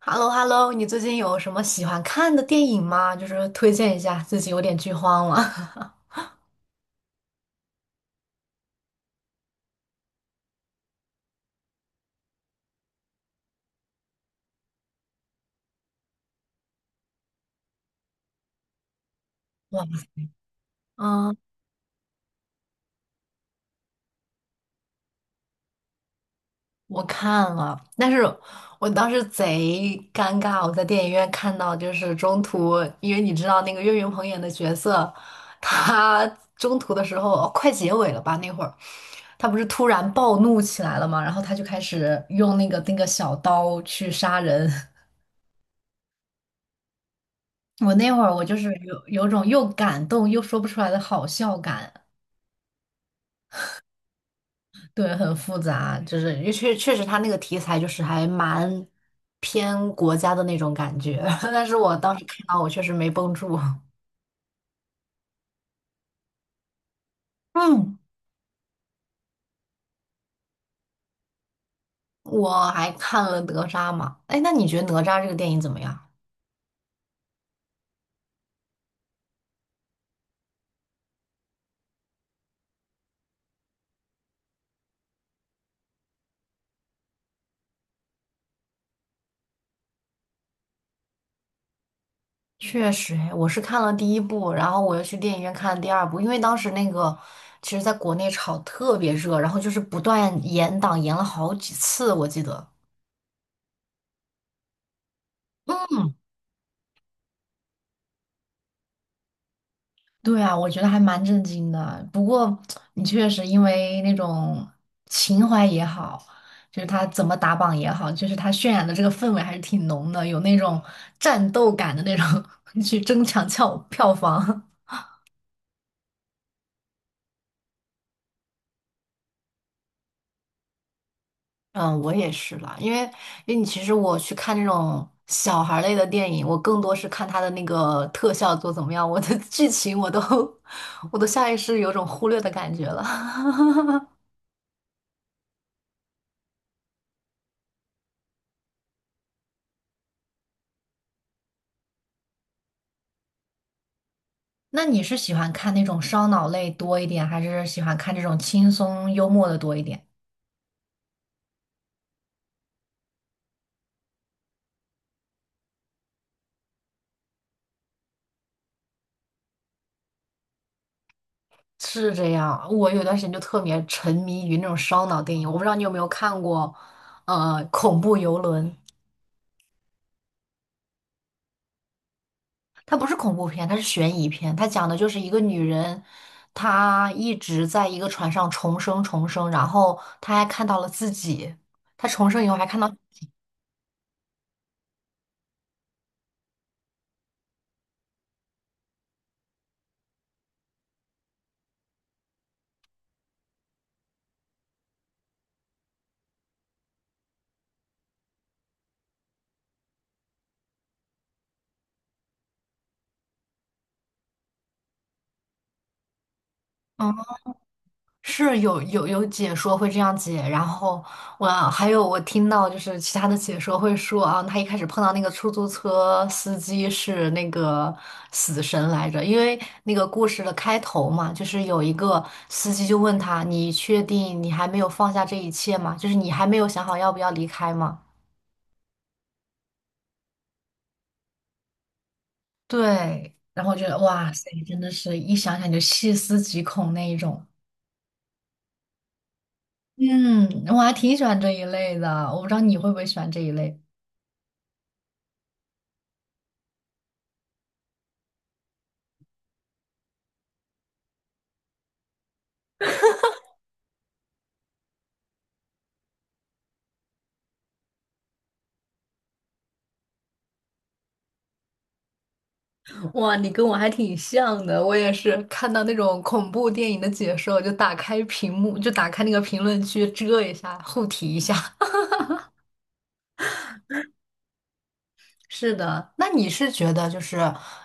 h e l l o h e l l o 你最近有什么喜欢看的电影吗？就是推荐一下，最近有点剧荒了。哇，嗯，我看了，但是我当时贼尴尬，我在电影院看到就是中途，因为你知道那个岳云鹏演的角色，他中途的时候，哦快结尾了吧那会儿，他不是突然暴怒起来了嘛，然后他就开始用那个小刀去杀人。我那会儿我就是有种又感动又说不出来的好笑感。对，很复杂，就是因为确实他那个题材就是还蛮偏国家的那种感觉，但是我当时看到我确实没绷住。嗯，我还看了哪吒嘛，哎，那你觉得哪吒这个电影怎么样？确实，哎，我是看了第一部，然后我又去电影院看了第二部，因为当时那个其实在国内炒特别热，然后就是不断延档，延了好几次，我记得。对啊，我觉得还蛮震惊的。不过你确实因为那种情怀也好，就是他怎么打榜也好，就是他渲染的这个氛围还是挺浓的，有那种战斗感的那种 去争抢票房。嗯，我也是啦，因为你其实我去看这种小孩儿类的电影，我更多是看它的那个特效做怎么样，我的剧情我都 我都下意识有种忽略的感觉了。那你是喜欢看那种烧脑类多一点，还是喜欢看这种轻松幽默的多一点？是这样，我有段时间就特别沉迷于那种烧脑电影，我不知道你有没有看过，《恐怖游轮》。它不是恐怖片，它是悬疑片。它讲的就是一个女人，她一直在一个船上重生重生，然后她还看到了自己，她重生以后还看到。嗯，是有解说会这样解，然后我还有我听到就是其他的解说会说啊，他一开始碰到那个出租车司机是那个死神来着，因为那个故事的开头嘛，就是有一个司机就问他，你确定你还没有放下这一切吗？就是你还没有想好要不要离开吗？对，然后我觉得哇塞，真的是一想想就细思极恐那一种。嗯，我还挺喜欢这一类的，我不知道你会不会喜欢这一类。哇，你跟我还挺像的，我也是看到那种恐怖电影的解说，就打开屏幕，就打开那个评论区遮一下，护体一下。是的，那你是觉得就是，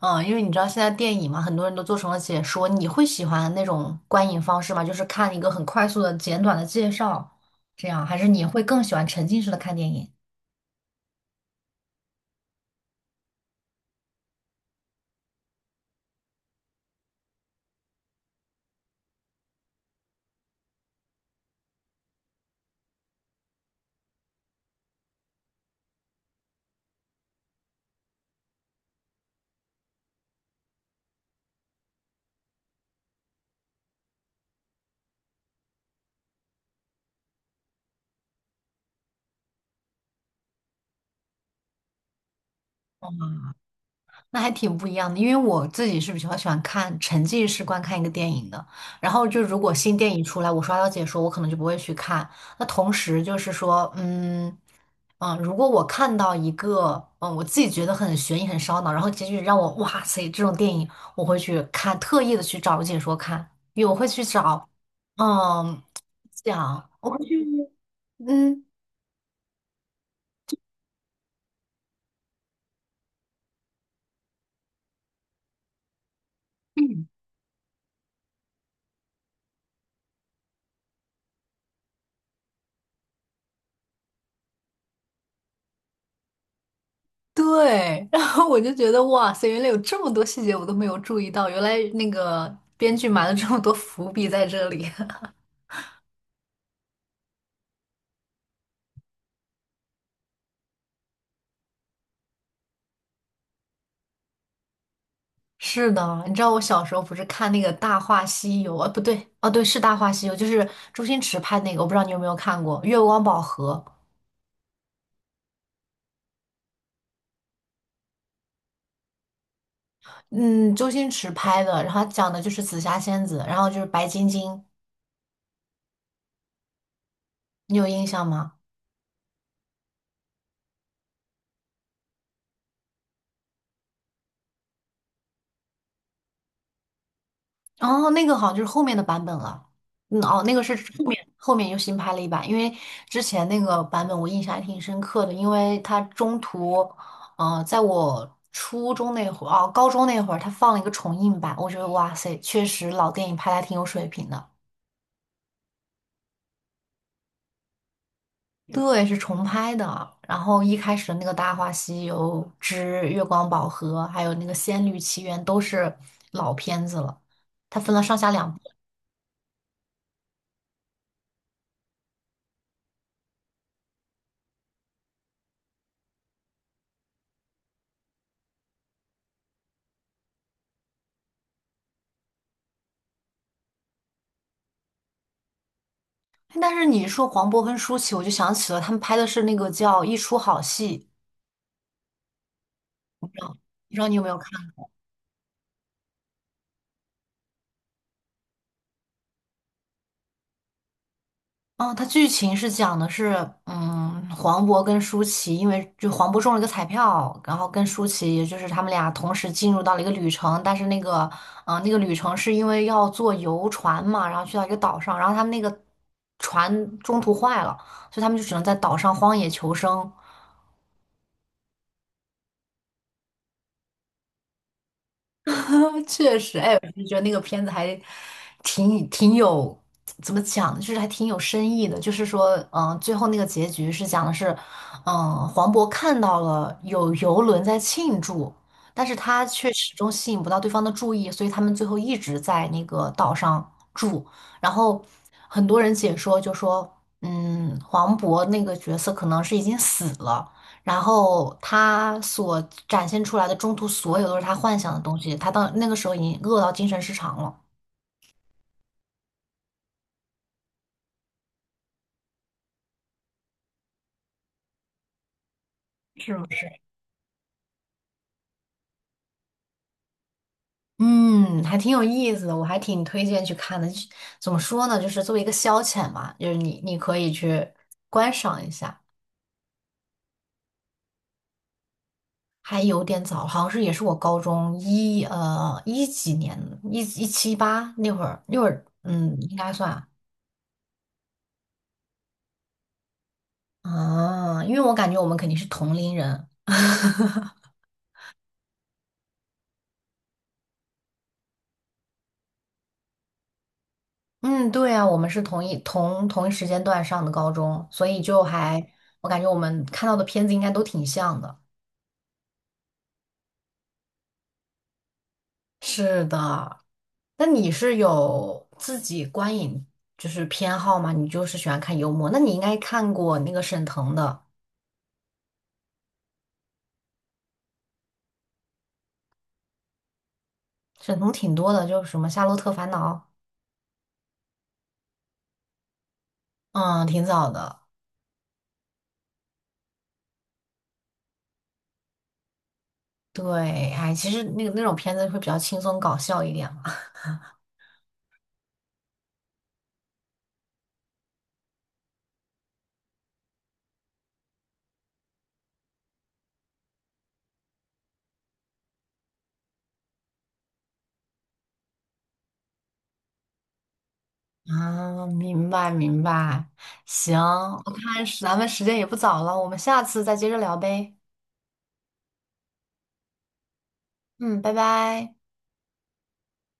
嗯，因为你知道现在电影嘛，很多人都做成了解说，你会喜欢那种观影方式吗？就是看一个很快速的、简短的介绍，这样，还是你会更喜欢沉浸式的看电影？那还挺不一样的，因为我自己是比较喜欢看沉浸式观看一个电影的。然后就如果新电影出来，我刷到解说，我可能就不会去看。那同时就是说，嗯嗯，如果我看到一个我自己觉得很悬疑、很烧脑，然后结局让我哇塞这种电影，我会去看，特意的去找解说看，因为我会去找，嗯，讲我会去嗯。对，然后我就觉得哇塞，原来有这么多细节我都没有注意到，原来那个编剧埋了这么多伏笔在这里。是的，你知道我小时候不是看那个《大话西游》啊？不对，哦对，是《大话西游》，就是周星驰拍那个，我不知道你有没有看过《月光宝盒》。嗯，周星驰拍的，然后他讲的就是紫霞仙子，然后就是白晶晶，你有印象吗？哦，那个好像就是后面的版本了。嗯，哦，那个是后面又新拍了一版，因为之前那个版本我印象还挺深刻的，因为它中途，在我初中那会儿，哦，高中那会儿，它放了一个重映版，我觉得哇塞，确实老电影拍的还挺有水平的。对，是重拍的。然后一开始的那个《大话西游之月光宝盒》，还有那个《仙律奇缘》都是老片子了，它分了上下两部。但是你说黄渤跟舒淇，我就想起了他们拍的是那个叫《一出好戏》，不知道你有没有看？嗯，它剧情是讲的是，嗯，黄渤跟舒淇，因为就黄渤中了一个彩票，然后跟舒淇，也就是他们俩同时进入到了一个旅程，但是那个，嗯、那个旅程是因为要坐游船嘛，然后去到一个岛上，然后他们那个船中途坏了，所以他们就只能在岛上荒野求生。确实，哎，我就觉得那个片子还挺有，怎么讲，就是还挺有深意的。就是说，嗯、最后那个结局是讲的是，嗯、黄渤看到了有游轮在庆祝，但是他却始终吸引不到对方的注意，所以他们最后一直在那个岛上住。然后很多人解说就说，嗯，黄渤那个角色可能是已经死了。然后他所展现出来的中途所有都是他幻想的东西，他到那个时候已经饿到精神失常了。是不是？嗯，还挺有意思的，我还挺推荐去看的。就怎么说呢，就是作为一个消遣嘛，就是你可以去观赏一下。还有点早，好像是也是我高中一几年一七一八那会儿，嗯，应该算啊，啊因为我感觉我们肯定是同龄人。嗯，对啊，我们是同一时间段上的高中，所以就还我感觉我们看到的片子应该都挺像的。是的，那你是有自己观影就是偏好吗？你就是喜欢看幽默，那你应该看过那个沈腾的，沈腾挺多的，就是什么《夏洛特烦恼》，嗯，挺早的。对，哎，其实那个那种片子会比较轻松搞笑一点嘛。啊，明白明白，行，我看是咱们时间也不早了，我们下次再接着聊呗。嗯，拜拜。